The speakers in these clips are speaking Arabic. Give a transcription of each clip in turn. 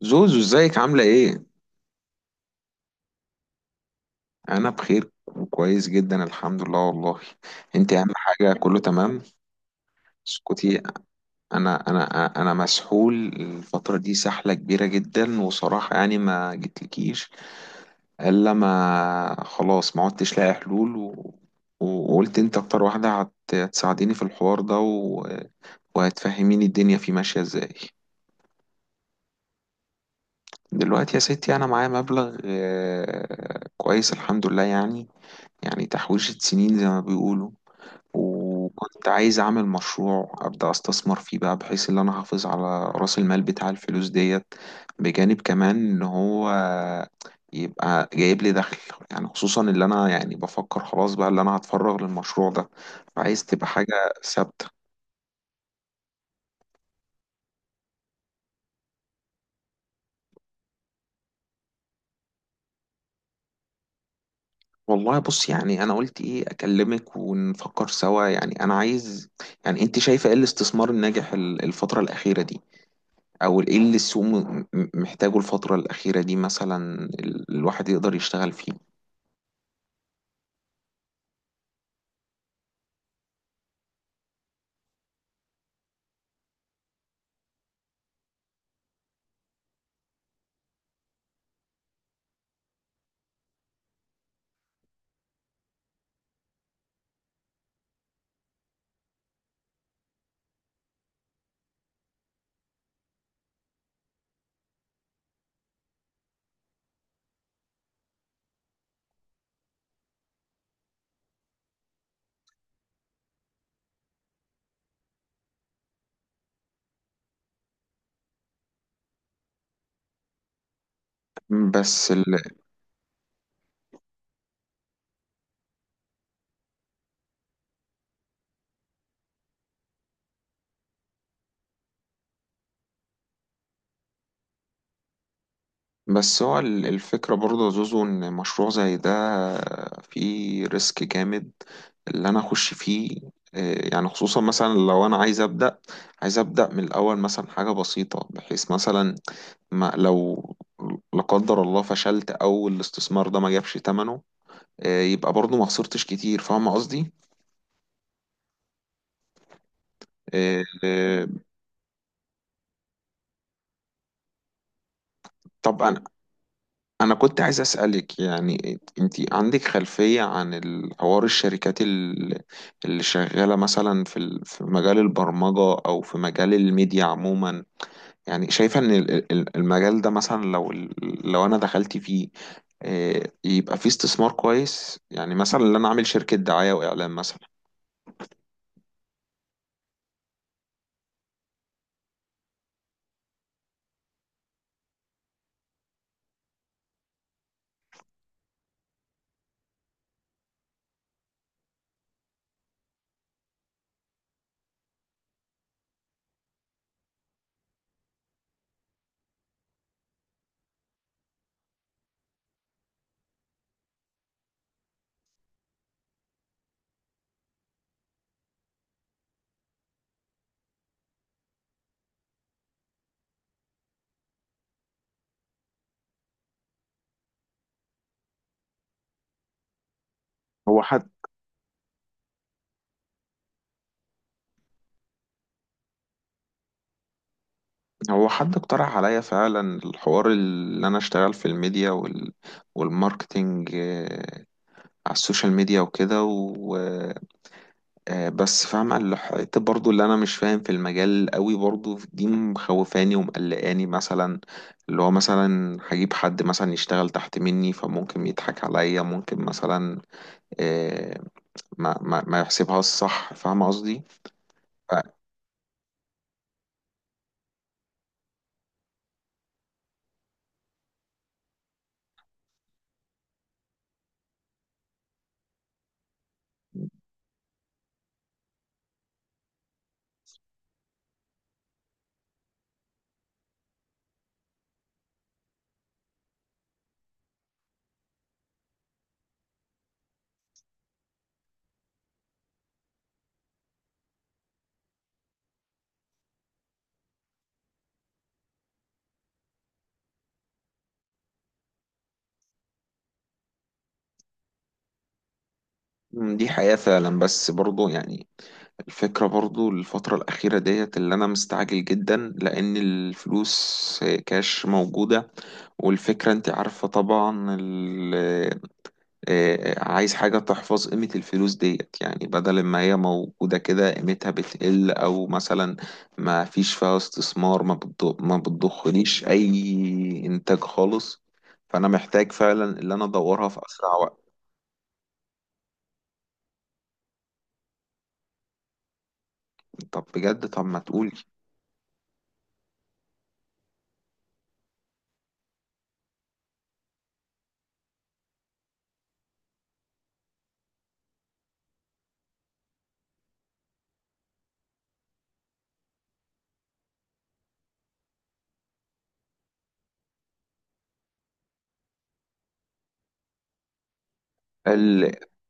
زوزو ازيك عاملة ايه؟ أنا بخير وكويس جدا الحمد لله والله. انت أهم حاجة كله تمام. اسكتي. أنا مسحول الفترة دي سحلة كبيرة جدا وصراحة يعني ما جتلكيش إلا ما خلاص ما عدتش لاقي حلول وقلت انت أكتر واحدة هتساعديني في الحوار ده وهتفهميني الدنيا فيه ماشية ازاي. دلوقتي يا ستي أنا معايا مبلغ كويس الحمد لله يعني تحويشة سنين زي ما بيقولوا. وكنت عايز أعمل مشروع أبدأ أستثمر فيه بقى بحيث إن أنا أحافظ على رأس المال بتاع الفلوس ديت، بجانب كمان إن هو يبقى جايب لي دخل، يعني خصوصا اللي أنا يعني بفكر خلاص بقى اللي أنا هتفرغ للمشروع ده، فعايز تبقى حاجة ثابتة. والله بص يعني أنا قلت إيه أكلمك ونفكر سوا يعني أنا عايز، يعني أنت شايفة إيه الاستثمار الناجح الفترة الأخيرة دي؟ او ايه اللي السوق محتاجه الفترة الأخيرة دي مثلا الواحد يقدر يشتغل فيه؟ بس ال... بس هو الفكرة برضه يا زوزو ان مشروع زي ده فيه ريسك جامد اللي انا اخش فيه. يعني خصوصا مثلا لو انا عايز ابدا من الاول مثلا حاجه بسيطه بحيث مثلا ما لو لا قدر الله فشلت او الاستثمار ده ما جابش ثمنه. يبقى برضه ما خسرتش كتير فاهم قصدي؟ آه، آه. طبعا. أنا كنت عايز أسألك يعني أنت عندك خلفية عن الحوار الشركات اللي شغالة مثلا في في مجال البرمجة أو في مجال الميديا عموما، يعني شايفة إن المجال ده مثلا لو أنا دخلت فيه، يبقى فيه استثمار كويس يعني مثلا إن أنا أعمل شركة دعاية وإعلان مثلا. هو حد هو حد اقترح عليا فعلا الحوار اللي أنا أشتغل في الميديا والماركتينج على السوشيال ميديا وكده و آه، بس فاهمة الحتة برضو اللي أنا مش فاهم في المجال قوي برضو دي مخوفاني ومقلقاني مثلا، اللي هو مثلا هجيب حد مثلا يشتغل تحت مني فممكن يضحك عليا ممكن مثلا آه، ما يحسبهاش صح فاهمة قصدي؟ ف- دي حقيقة فعلا بس برضو يعني الفكرة برضو الفترة الأخيرة ديت اللي أنا مستعجل جدا لأن الفلوس كاش موجودة، والفكرة أنت عارفة طبعا، عايز حاجة تحفظ قيمة الفلوس ديت يعني بدل ما هي موجودة كده قيمتها بتقل أو مثلا ما فيش فيها استثمار ما بتضخليش أي إنتاج خالص، فأنا محتاج فعلا اللي أنا أدورها في أسرع وقت. طب بجد، طب ما تقول.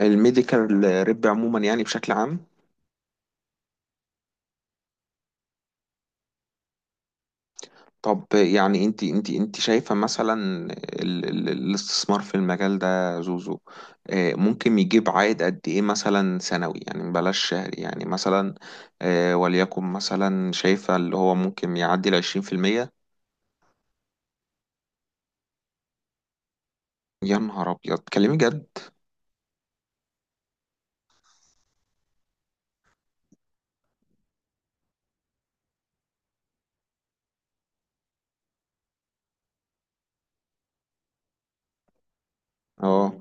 الميديكال ريب عموما يعني بشكل عام. طب يعني انت شايفة مثلا ال ال الاستثمار في المجال ده زوزو، ممكن يجيب عائد قد ايه مثلا سنوي يعني بلاش شهري يعني مثلا، وليكن مثلا شايفة اللي هو ممكن يعدي 20%؟ يا نهار ابيض تكلمي جد! اه.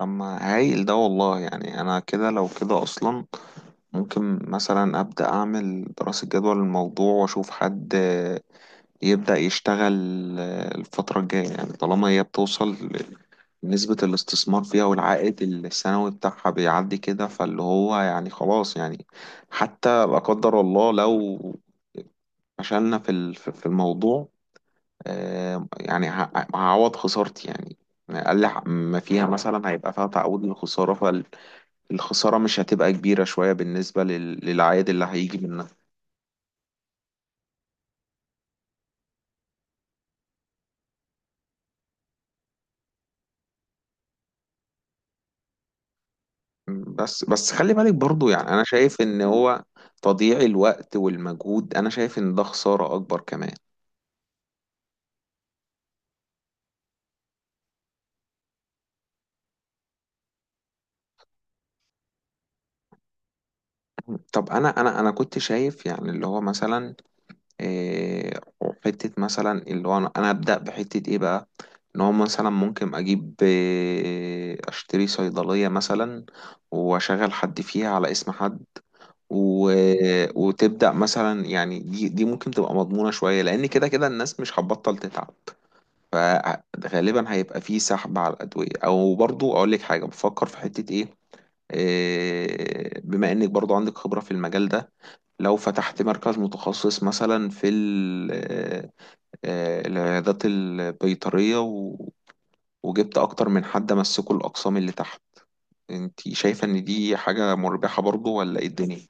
اما هايل ده والله يعني انا كده لو كده اصلا ممكن مثلا ابدا اعمل دراسة جدوى للموضوع واشوف حد يبدأ يشتغل الفترة الجاية يعني طالما هي بتوصل نسبة الاستثمار فيها والعائد السنوي بتاعها بيعدي كده فاللي هو يعني خلاص يعني حتى لا قدر الله لو فشلنا في ال- في في الموضوع، يعني هعوض خسارتي يعني، أقل ما فيها مثلا هيبقى فيها تعويض للخسارة، فالخسارة مش هتبقى كبيرة شوية بالنسبة للعائد اللي هيجي منها. بس خلي بالك برضو يعني انا شايف ان هو تضييع الوقت والمجهود انا شايف ان ده خسارة اكبر كمان. طب انا كنت شايف يعني اللي هو مثلا إيه، حتة مثلا اللي هو أنا ابدأ بحتة ايه بقى، ان هو مثلا ممكن اجيب إيه اشتري صيدلية مثلا واشغل حد فيها على اسم حد و... وتبدأ مثلا يعني دي ممكن تبقى مضمونة شوية لان كده كده الناس مش هتبطل تتعب، فغالبا هيبقى فيه سحب على الأدوية أو برضو أقول لك حاجة بفكر في حتة إيه، بما إنك برضو عندك خبرة في المجال ده، لو فتحت مركز متخصص مثلا في العيادات البيطرية وجبت أكتر من حد مسكوا الأقسام اللي تحت، أنت شايفة إن دي حاجة مربحة برضو ولا إيه الدنيا؟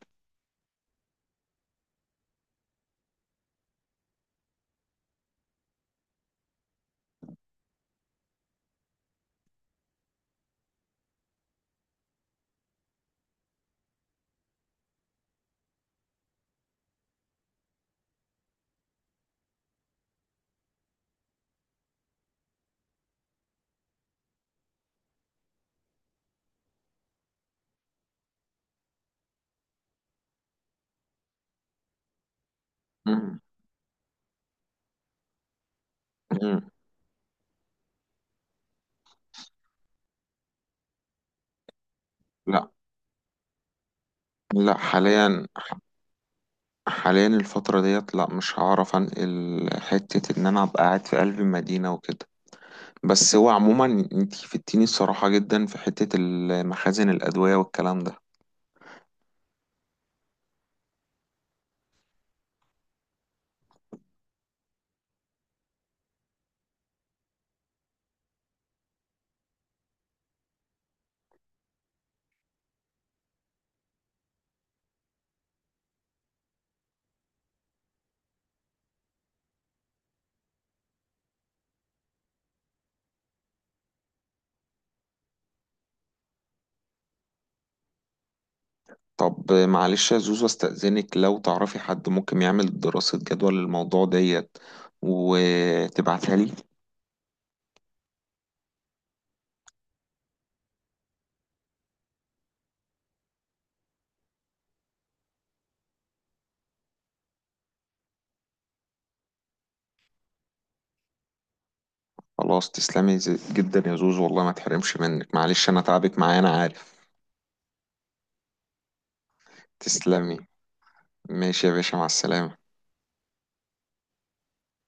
مم. مم. لا، لا حاليا. حاليا الفترة ديت لا مش هعرف انقل حتة ان انا ابقى قاعد في قلب المدينة وكده، بس هو عموما انتي فدتيني الصراحة جدا في حتة المخازن الأدوية والكلام ده. طب معلش يا زوزو استأذنك لو تعرفي حد ممكن يعمل دراسة جدوى للموضوع ديت وتبعتها لي. خلاص تسلمي جدا يا زوزو والله ما تحرمش منك، معلش انا تعبك معايا انا عارف. تسلمي. ماشي يا باشا مع السلامة.